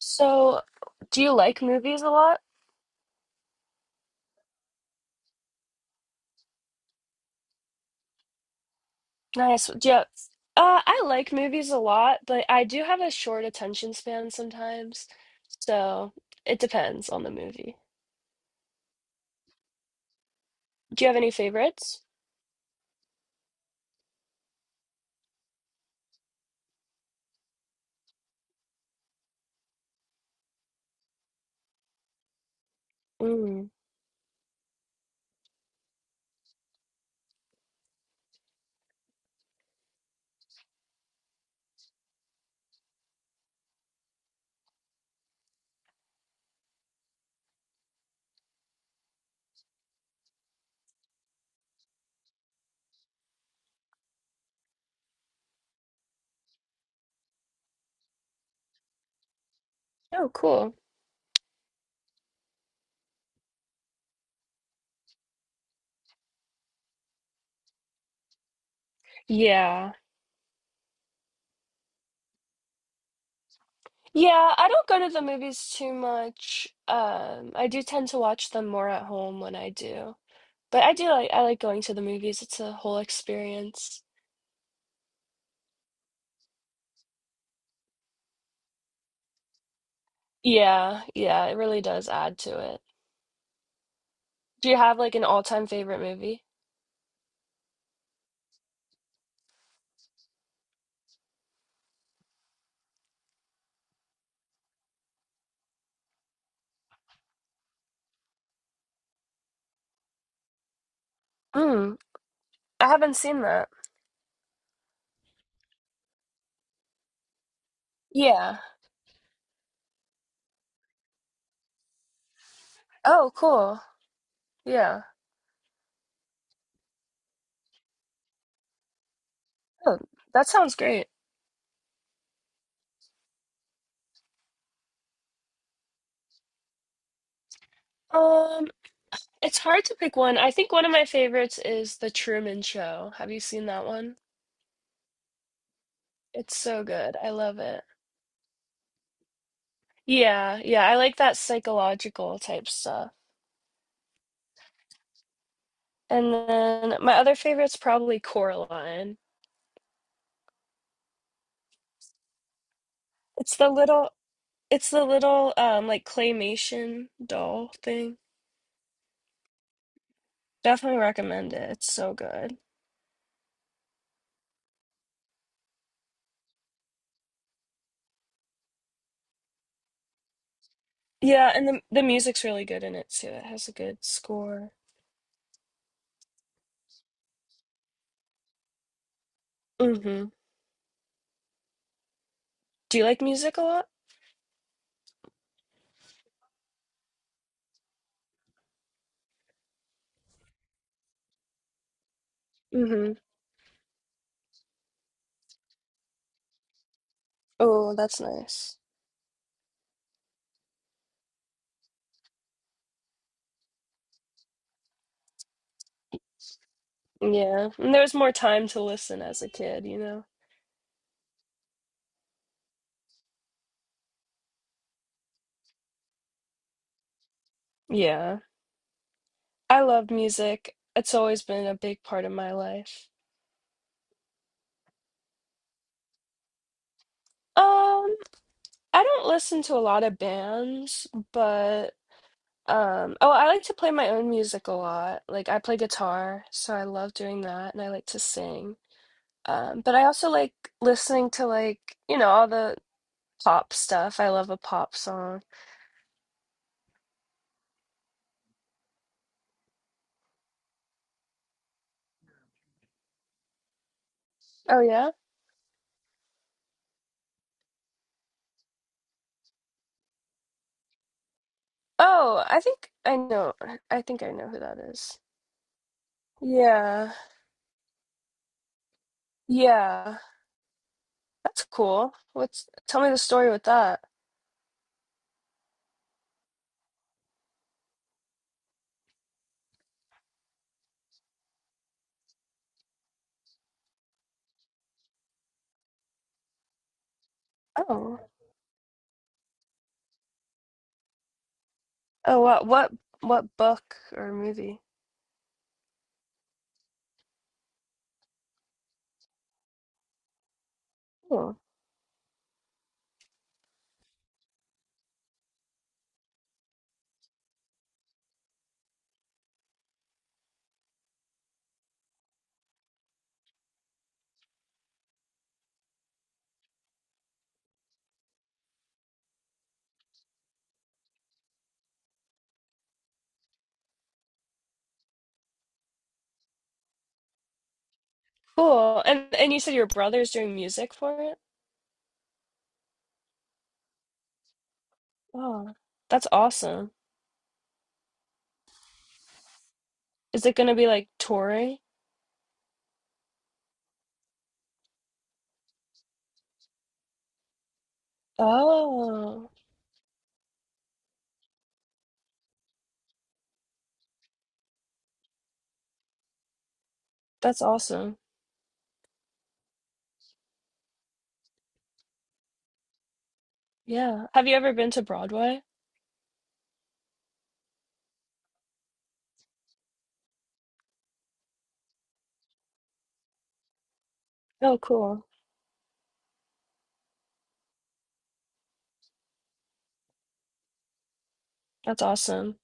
So, do you like movies a lot? Nice. Yeah. I like movies a lot, but I do have a short attention span sometimes. So, it depends on the movie. Do you have any favorites? Mm. Oh, cool. Yeah. Yeah, I don't go to the movies too much. I do tend to watch them more at home when I do. But I like going to the movies. It's a whole experience. Yeah, yeah, it really does add to it. Do you have like an all-time favorite movie? Mm, I haven't seen that. Yeah. Oh, cool. Yeah. Oh, that sounds great. Um, it's hard to pick one. I think one of my favorites is The Truman Show. Have you seen that one? It's so good. I love it. Yeah, yeah, I like that psychological type stuff. And then my other favorite's probably Coraline. It's the little it's the little like claymation doll thing. Definitely recommend it. It's so good. Yeah, and the music's really good in it too. It has a good score. Hmm. Do you like music a lot? Hmm. Oh, that's nice. Yeah. And there was more time to listen as a kid, you know? Yeah. I love music. It's always been a big part of my life. Um, I don't listen to a lot of bands, but oh, I like to play my own music a lot. Like I play guitar, so I love doing that, and I like to sing. But I also like listening to all the pop stuff. I love a pop song. Oh yeah? Oh, I think I know. I think I know who that is. Yeah. Yeah. That's cool. What's tell me the story with that. Oh. Oh wow. What book or movie? Oh, cool. And you said your brother's doing music for it? Oh. That's awesome. Is it gonna be like touring? Oh. That's awesome. Yeah. Have you ever been to Broadway? Oh, cool. That's awesome.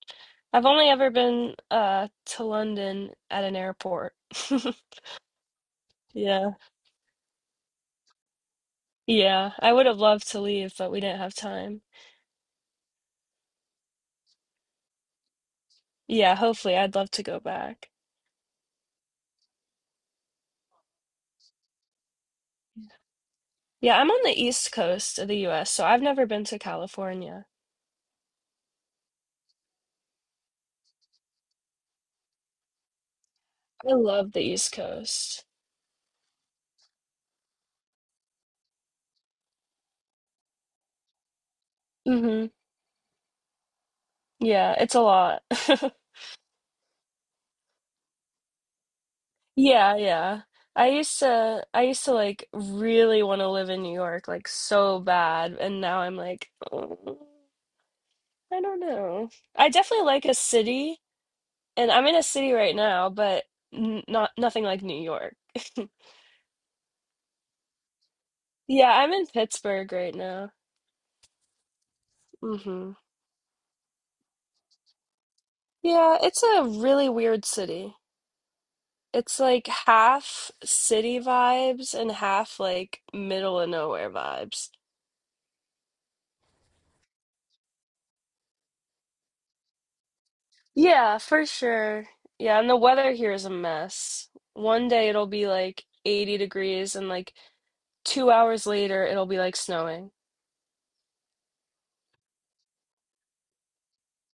I've only ever been to London at an airport. Yeah. Yeah. I would have loved to leave, but we didn't have time. Yeah, hopefully I'd love to go back. Yeah, I'm on the East Coast of the US, so I've never been to California. I love the East Coast. Hmm. Yeah, it's a lot. Yeah, yeah. I used to like really want to live in New York like so bad, and now I'm like, "Oh, I don't know. I definitely like a city. And I'm in a city right now, but n not nothing like New York." Yeah, I'm in Pittsburgh right now. Hmm. Yeah, it's a really weird city. It's like half city vibes and half like middle of nowhere vibes. Yeah, for sure. Yeah, and the weather here is a mess. One day it'll be like 80 degrees, and like 2 hours later it'll be like snowing.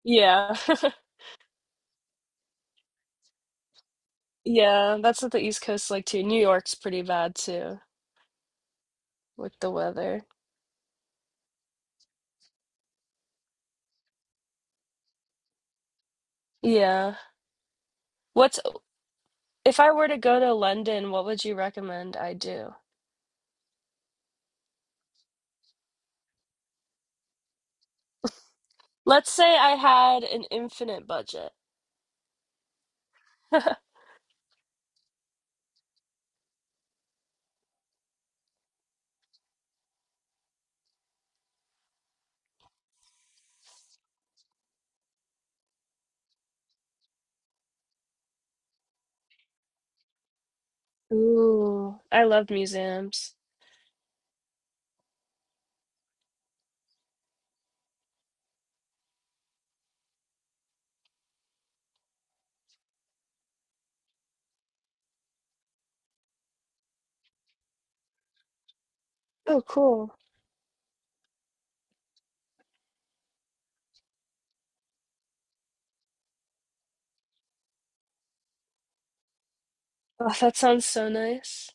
Yeah. Yeah, that's what the East Coast's like too. New York's pretty bad too. With the weather. Yeah. What's if I were to go to London, what would you recommend I do? Let's say I had an infinite budget. Ooh, I love museums. Oh, cool. Oh, that sounds so nice.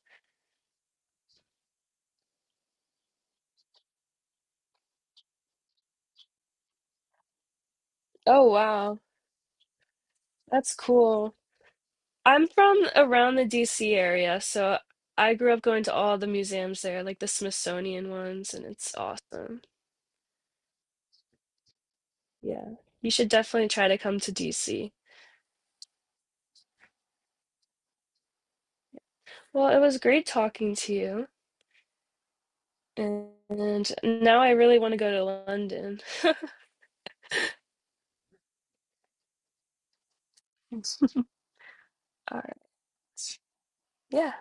Oh, wow. That's cool. I'm from around the DC area, so I grew up going to all the museums there, like the Smithsonian ones, and it's awesome. Yeah. You should definitely try to come to DC. Well, it was great talking to you. And now I really want to go to London. All right. Yeah.